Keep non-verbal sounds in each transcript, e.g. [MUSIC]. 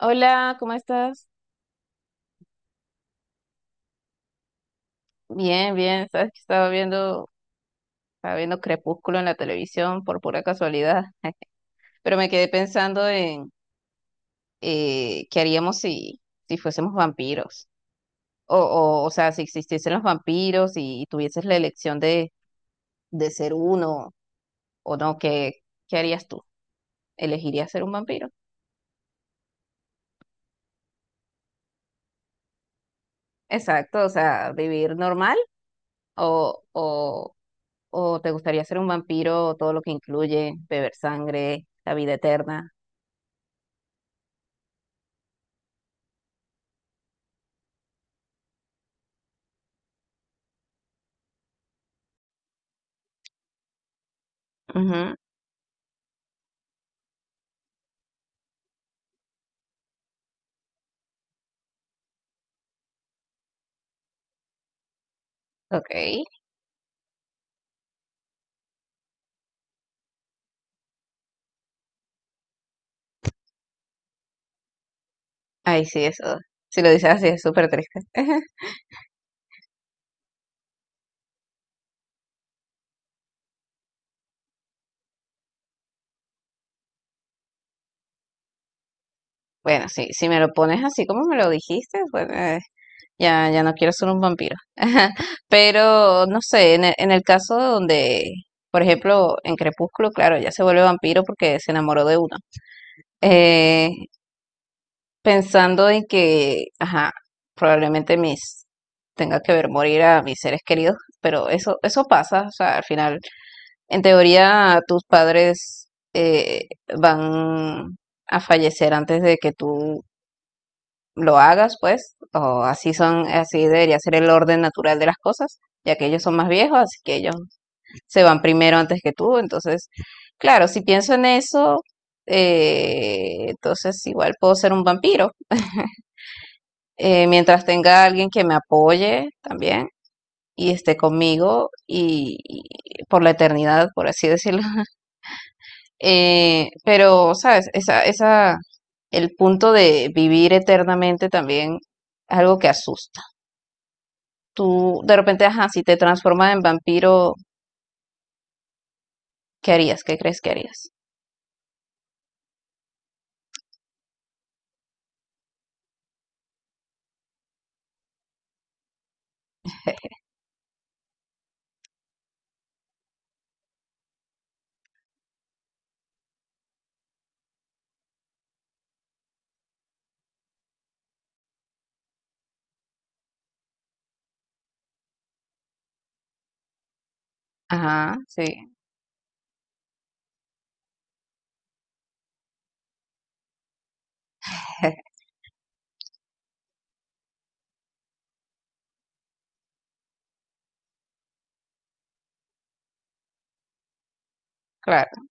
Hola, ¿cómo estás? Bien, bien, sabes que estaba viendo Crepúsculo en la televisión por pura casualidad. [LAUGHS] Pero me quedé pensando en qué haríamos si, si fuésemos vampiros, o sea, si existiesen los vampiros y tuvieses la elección de ser uno o no. ¿Qué harías tú? ¿Elegirías ser un vampiro? Exacto, o sea, vivir normal o, o, o te gustaría ser un vampiro, todo lo que incluye beber sangre, la vida eterna. Ok, ay sí, eso. Si lo dices así es súper triste. [LAUGHS] Bueno, sí, si me lo pones así como me lo dijiste, bueno, ya, ya no quiero ser un vampiro. [LAUGHS] Pero, no sé, en el caso donde, por ejemplo, en Crepúsculo, claro, ya se vuelve vampiro porque se enamoró de uno. Eh, Pensando en que, ajá, probablemente mis tenga que ver morir a mis seres queridos, pero eso pasa, o sea, al final. En teoría, tus padres eh, van a fallecer antes de que tú lo hagas, pues, o así son, así debería ser el orden natural de las cosas, ya que ellos son más viejos, así que ellos se van primero antes que tú. Entonces, claro, si pienso en eso, entonces igual puedo ser un vampiro, mientras tenga alguien que me apoye también y esté conmigo y por la eternidad, por así decirlo. Pero, ¿sabes? El punto de vivir eternamente también es algo que asusta. Tú, de repente, ajá, si te transformas en vampiro, ¿qué harías? ¿Qué crees que harías? Ajá, sí, [LAUGHS] claro.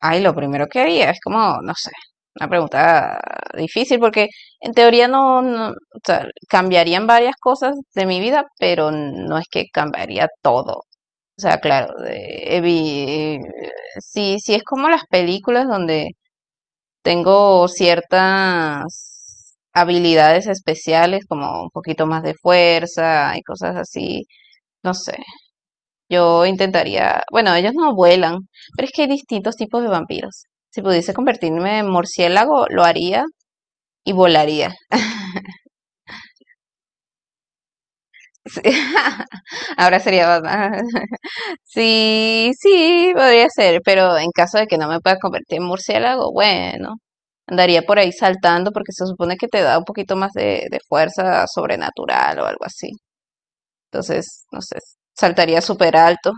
Ay, lo primero que haría es como, no sé, una pregunta difícil porque en teoría no, no, o sea, cambiarían varias cosas de mi vida, pero no es que cambiaría todo. O sea, claro, evi- sí, sí es como las películas donde tengo ciertas habilidades especiales, como un poquito más de fuerza y cosas así. No sé, yo intentaría, bueno, ellos no vuelan, pero es que hay distintos tipos de vampiros. Si pudiese convertirme en murciélago, lo haría y volaría. [LAUGHS] Sí. [LAUGHS] Ahora sería Batman. Sí, sí, podría ser, pero en caso de que no me pueda convertir en murciélago, bueno, andaría por ahí saltando porque se supone que te da un poquito más de fuerza sobrenatural o algo así. Entonces, no sé, saltaría súper alto.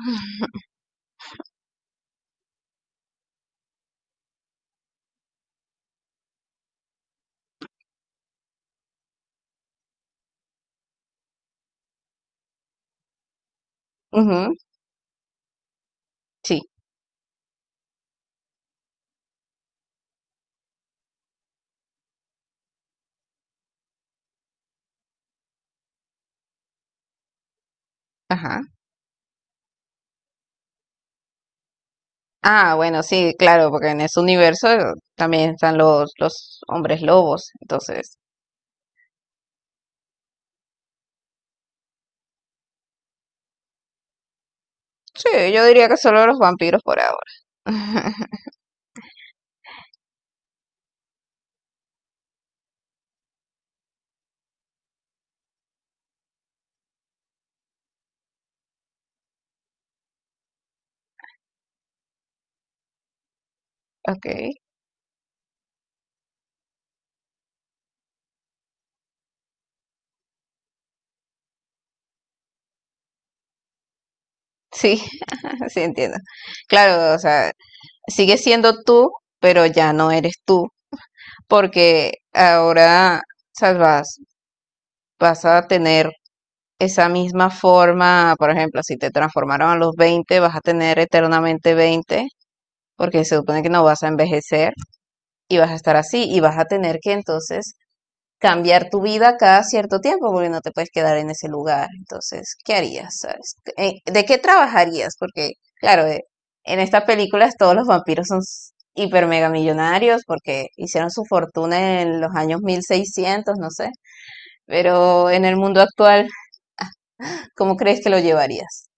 Ujú, sí, ajá. Ah, bueno, sí, claro, porque en ese universo también están los hombres lobos. Entonces, sí, yo diría que solo los vampiros por ahora. [LAUGHS] Ok, sí, [LAUGHS] sí entiendo. Claro, o sea, sigue siendo tú, pero ya no eres tú, porque ahora sabes, vas a tener esa misma forma. Por ejemplo, si te transformaron a los 20, vas a tener eternamente 20, porque se supone que no vas a envejecer y vas a estar así y vas a tener que entonces cambiar tu vida cada cierto tiempo porque no te puedes quedar en ese lugar. Entonces, ¿qué harías? ¿Sabes? ¿De qué trabajarías? Porque, claro, en estas películas todos los vampiros son hiper mega millonarios porque hicieron su fortuna en los años 1600, no sé. Pero en el mundo actual, ¿cómo crees que lo llevarías?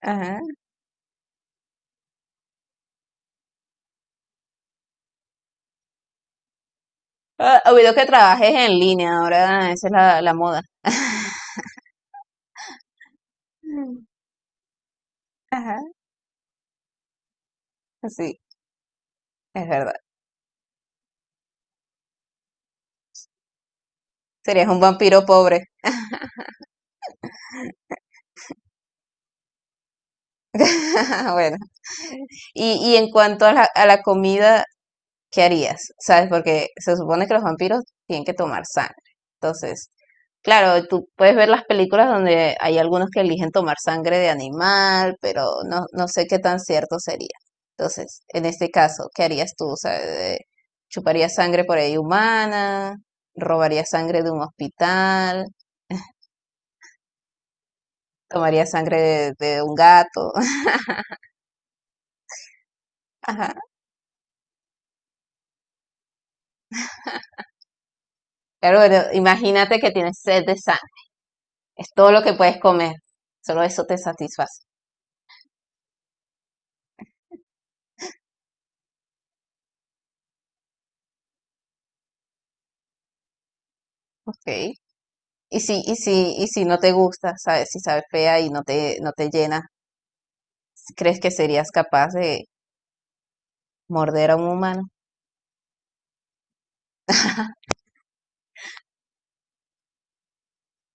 Ajá. Ah, olvidó que trabajes en línea, ahora esa es la moda. Mm, ajá. Sí, es verdad. Serías un vampiro pobre. [LAUGHS] Bueno. Y en cuanto a a la comida, ¿qué harías? ¿Sabes? Porque se supone que los vampiros tienen que tomar sangre. Entonces, claro, tú puedes ver las películas donde hay algunos que eligen tomar sangre de animal, pero no, no sé qué tan cierto sería. Entonces, en este caso, ¿qué harías tú? O sea, ¿chuparías sangre por ahí humana? ¿Robarías sangre de un hospital? ¿Tomarías sangre de un gato? [LAUGHS] Ajá. Claro, bueno, imagínate que tienes sed de sangre. Es todo lo que puedes comer. Solo eso te satisface. Ok. Y si no te gusta, sabes, si sabe fea y no no te llena, ¿crees que serías capaz de morder a un humano?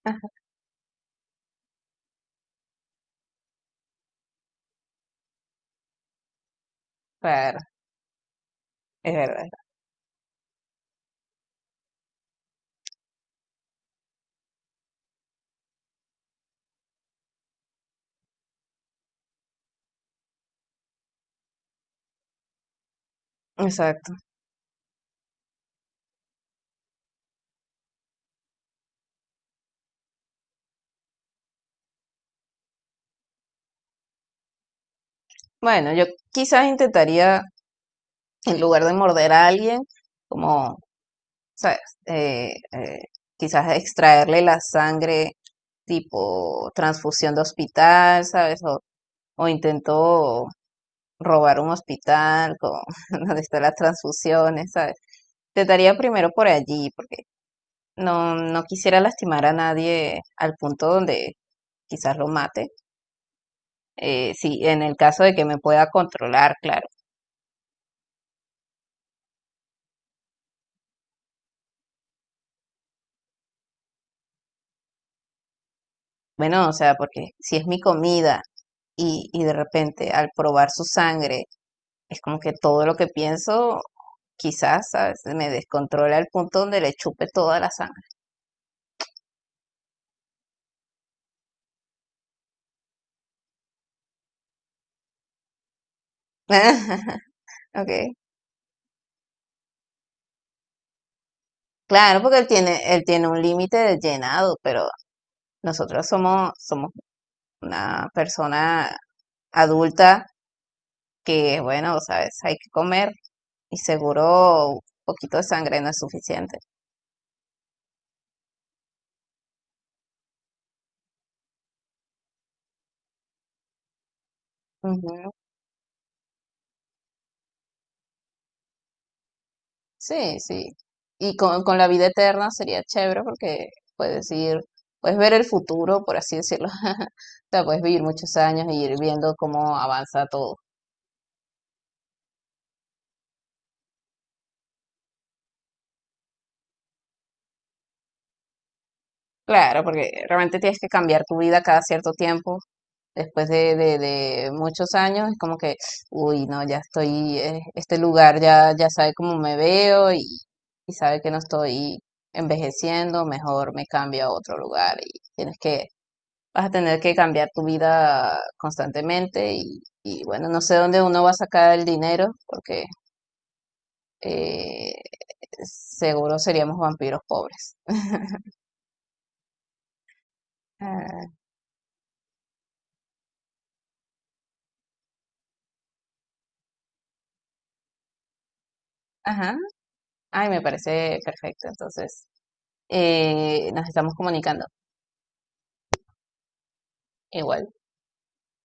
Ah, claro, es verdad. Exacto. Bueno, yo quizás intentaría, en lugar de morder a alguien, como, sabes, eh, eh, quizás extraerle la sangre tipo transfusión de hospital, ¿sabes? O intento robar un hospital, con, [LAUGHS] donde están las transfusiones, ¿sabes? Trataría primero por allí, porque no, no quisiera lastimar a nadie al punto donde quizás lo mate. Sí, en el caso de que me pueda controlar, claro. Bueno, o sea, porque si es mi comida y de repente al probar su sangre, es como que todo lo que pienso quizás, ¿sabes? Me descontrola al punto donde le chupe toda la sangre. [LAUGHS] Okay. Claro, porque él tiene un límite de llenado, pero nosotros somos una persona adulta que, bueno, sabes, hay que comer y seguro un poquito de sangre no es suficiente. Ujú. Sí, sí. Con la vida eterna sería chévere porque puedes ir, puedes ver el futuro, por así decirlo. [LAUGHS] O sea, puedes vivir muchos años y ir viendo cómo avanza todo. Claro, porque realmente tienes que cambiar tu vida cada cierto tiempo después de muchos años, es como que, uy, no, ya estoy, este lugar ya sabe cómo me veo y sabe que no estoy envejeciendo, mejor me cambio a otro lugar y tienes que, vas a tener que cambiar tu vida constantemente y bueno, no sé dónde uno va a sacar el dinero porque eh, seguro seríamos vampiros pobres. Ah, ajá, ay, me parece perfecto, entonces nos estamos comunicando igual.